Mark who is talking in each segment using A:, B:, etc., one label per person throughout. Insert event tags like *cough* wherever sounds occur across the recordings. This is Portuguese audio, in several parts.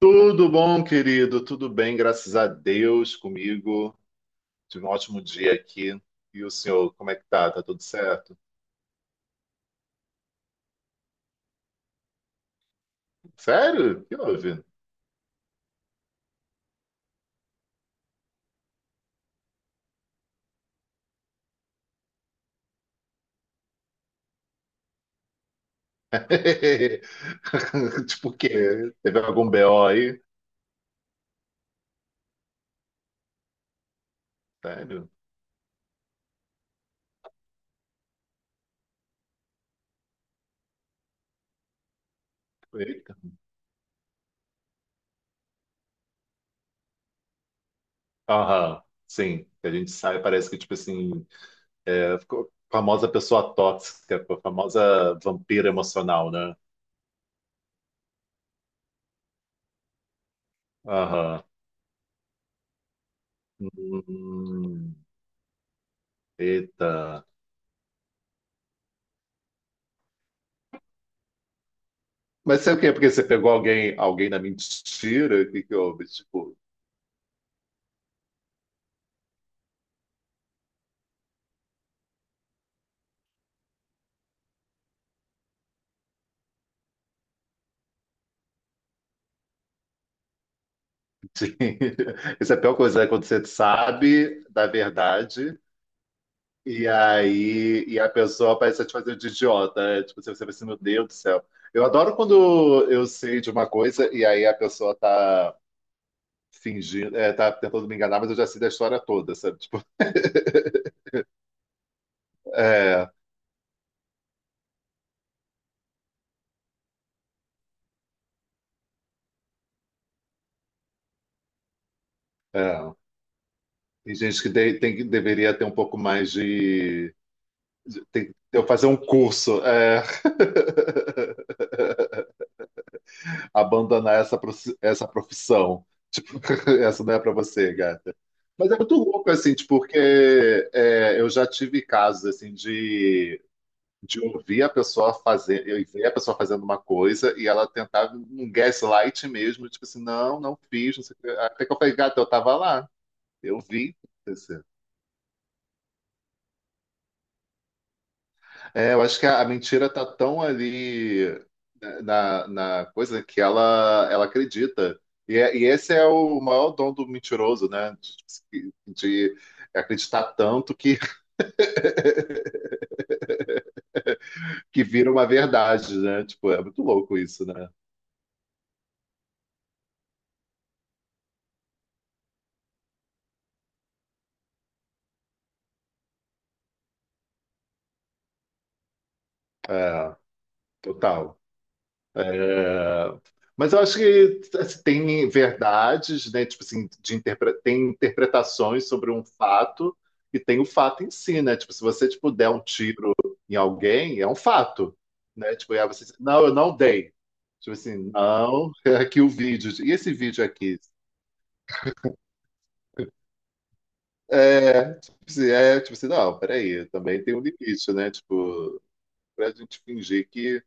A: Tudo bom, querido? Tudo bem, graças a Deus comigo. Tive um ótimo dia aqui. E o senhor, como é que tá? Tá tudo certo? Sério? O que houve? *laughs* Tipo o quê? Teve algum BO aí? Sério? Eita. Aham, sim. A gente sai, parece que, tipo assim, ficou famosa pessoa tóxica, a famosa vampira emocional, né? Aham. Hum, eita. Mas sabe o que é? Porque você pegou alguém na mentira? O que que houve? Tipo, *laughs* sim. Isso é a pior coisa, né? Quando você sabe da verdade e a pessoa parece te fazer de idiota. É, tipo, você vai assim, meu Deus do céu. Eu adoro quando eu sei de uma coisa e aí a pessoa tá fingindo, tá tentando me enganar, mas eu já sei da história toda, sabe? Tipo, é, é. Tem gente que tem, deveria ter um pouco mais de... tem, eu fazer um curso. É. Abandonar essa, essa profissão. Tipo, *laughs* essa não é para você, gata. Mas é muito louco, assim, tipo, porque é, eu já tive casos, assim, de ouvir a pessoa fazer, eu ver a pessoa fazendo uma coisa e ela tentar um gaslight mesmo, tipo assim, não, não fiz, não sei o quê. Até que eu falei, gata, eu tava lá, eu vi. É, eu acho que a mentira tá tão ali né, na coisa que ela acredita. E, e esse é o maior dom do mentiroso, né? De acreditar tanto que, *laughs* que vira uma verdade, né? Tipo, é muito louco isso, né? É, total. É, mas eu acho que assim, tem verdades, né? Tipo assim, de interpre... tem interpretações sobre um fato e tem o fato em si, né? Tipo, se você tipo, der um tiro em alguém, é um fato, né? Tipo, e aí você diz, não, eu não dei. Tipo assim, não, *laughs* é aqui o vídeo. E esse vídeo aqui? É, tipo assim, não, peraí, também tem um limite, né? Tipo, pra gente fingir que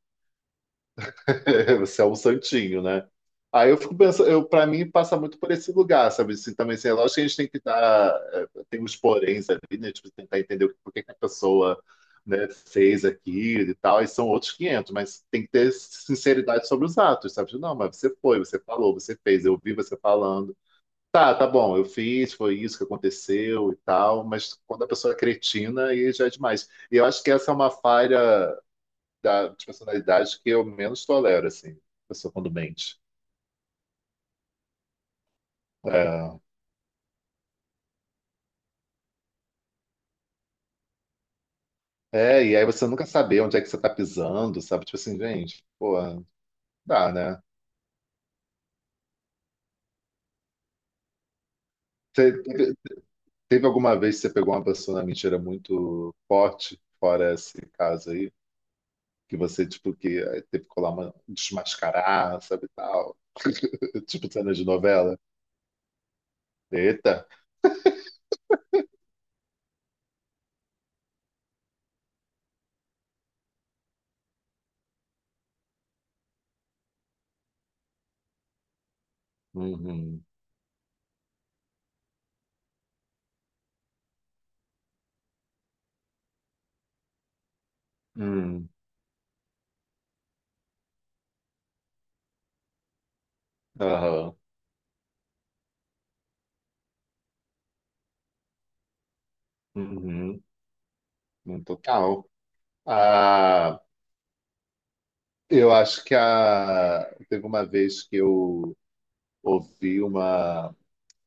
A: *laughs* você é um santinho, né? Aí eu fico pensando, eu, para mim passa muito por esse lugar, sabe? Assim, também, assim, é lógico que a gente tem que dar, é, tem os poréns ali, né? Tipo, tentar entender por que que a pessoa, né, fez aquilo e tal, e são outros 500, mas tem que ter sinceridade sobre os atos, sabe? Tipo, não, mas você foi, você falou, você fez, eu vi você falando. Tá, tá bom, eu fiz, foi isso que aconteceu e tal, mas quando a pessoa é cretina, aí já é demais. E eu acho que essa é uma falha de personalidade que eu menos tolero, assim, a pessoa quando mente. É, é, e aí você nunca saber onde é que você tá pisando, sabe? Tipo assim, gente, pô, dá, né? Te- Teve, teve alguma vez que você pegou uma pessoa na mentira muito forte, fora esse caso aí, que você, tipo, que aí teve que colar uma, desmascarar, sabe, e tal? *laughs* Tipo cena de novela. Eita! Uhum. Hum. Aham. Uhum. Uhum. Total. Ah. Eu acho que a... teve uma vez que eu ouvi uma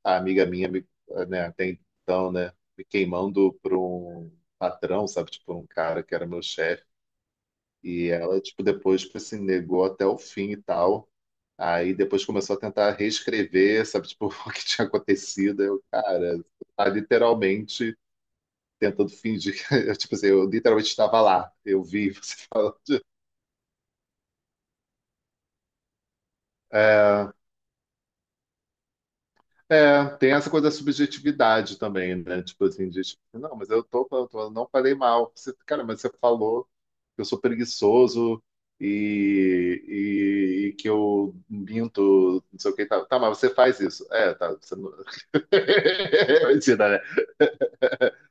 A: a amiga minha, né, até então, né, me queimando por um patrão, sabe, tipo, um cara que era meu chefe. E ela, tipo, depois, tipo assim, negou até o fim e tal. Aí depois começou a tentar reescrever, sabe, tipo, *laughs* o que tinha acontecido. Eu, cara, tá literalmente tentando fingir que, *laughs* eu, tipo assim, eu literalmente estava lá, eu vi. *laughs* É, é, tem essa coisa da subjetividade também, né? Tipo assim, de, tipo, não, mas eu tô, eu não falei mal. Você, cara, mas você falou que eu sou preguiçoso e, e que eu minto, não sei o que tá tá, mas você faz isso. É, tá. Você não... *laughs* Imagina, né?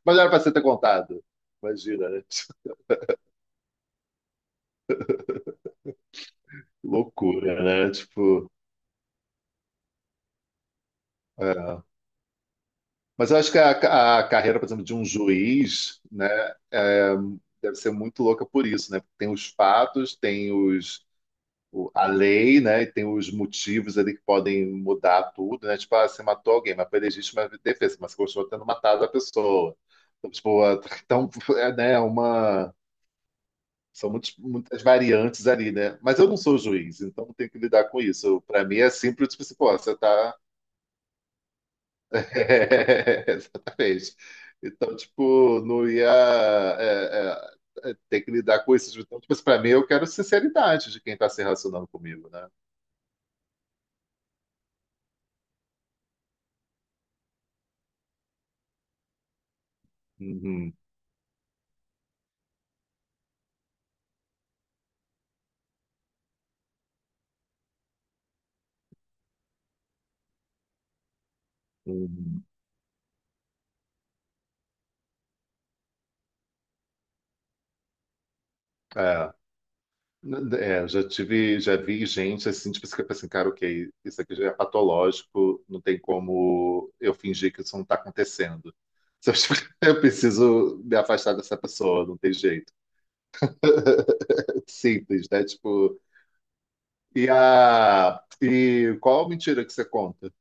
A: Mas era pra você ter contado. Imagina, né? *laughs* Tipo, que loucura, né? Tipo, é. Mas eu acho que a carreira, por exemplo, de um juiz, né? é, deve ser muito louca por isso, né? Tem os fatos, tem os a lei, né? E tem os motivos ali que podem mudar tudo, né? Tipo, ah, você matou alguém, mas foi legítima defesa, mas você continua tendo matado a pessoa. Então, tipo, ah, então, é, né, uma. São muitas variantes ali, né? Mas eu não sou juiz, então não tenho que lidar com isso. Para mim é simples, tipo assim, pô, você tá. *laughs* É, exatamente. Então, tipo, não ia ter que lidar com isso. Então, tipo, para mim eu quero sinceridade de quem está se relacionando comigo, né? Uhum, uhum. É, é, já tive, já vi gente assim, tipo, você fica assim, cara, ok, isso aqui já é patológico, não tem como eu fingir que isso não está acontecendo. Só, tipo, *laughs* eu preciso me afastar dessa pessoa, não tem jeito. É simples, né? Tipo, e qual mentira que você conta?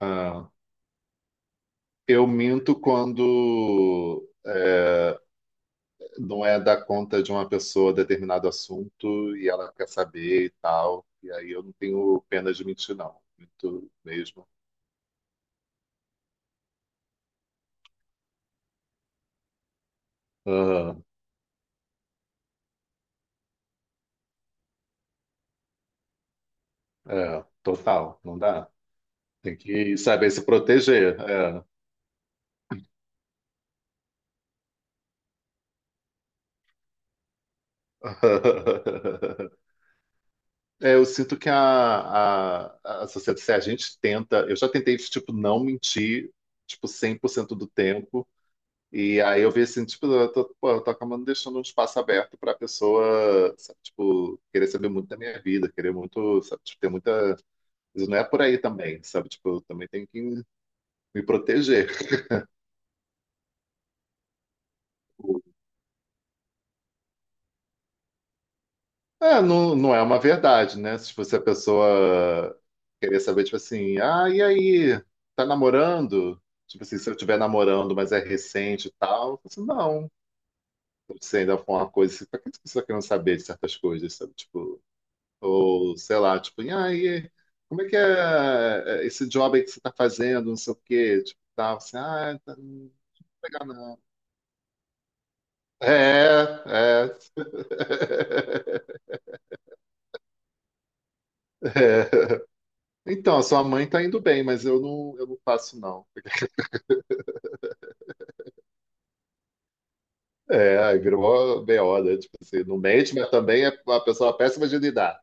A: Ah, eu minto quando não é dar conta de uma pessoa determinado assunto e ela quer saber e tal. E aí eu não tenho pena de mentir, não. Muito mesmo. Ah, é, total, não dá. Tem que saber se proteger. É. *laughs* É, eu sinto que a sociedade, se a gente tenta, eu já tentei, tipo, não mentir, tipo, 100% do tempo, e aí eu vi assim, tipo, eu tô, pô, eu tô acabando deixando um espaço aberto pra pessoa, sabe, tipo, querer saber muito da minha vida, querer muito, sabe, tipo, ter muita. Isso não é por aí também, sabe? Tipo, eu também tenho que me proteger. É, não, não é uma verdade, né? Tipo, se a pessoa querer saber, tipo assim, ah, e aí, tá namorando? Tipo assim, se eu estiver namorando, mas é recente e tal, eu falo assim, não. Se ainda for uma coisa, assim, pra que você tá querendo saber de certas coisas, sabe? Tipo. Ou, sei lá, tipo, ah, e como é que é esse job aí que você tá fazendo, não sei o quê, tipo, tal, assim, ah, é, tá, não vou pegar não. É, é. *laughs* É. Então, a sua mãe tá indo bem, mas eu não faço, não. É, aí virou uma BO, né? Tipo assim, não mente, mas também é uma pessoa péssima de lidar.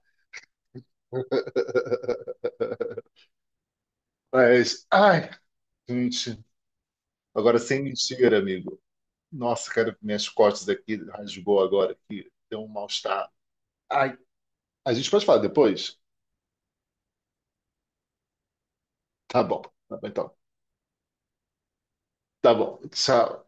A: Mas, ai, gente, agora sem mentira, amigo. Nossa, cara, minhas costas aqui rasgou agora aqui, deu um mal-estar. Ai, a gente pode falar depois? Tá bom. Tá bom, então, tá bom. Tchau.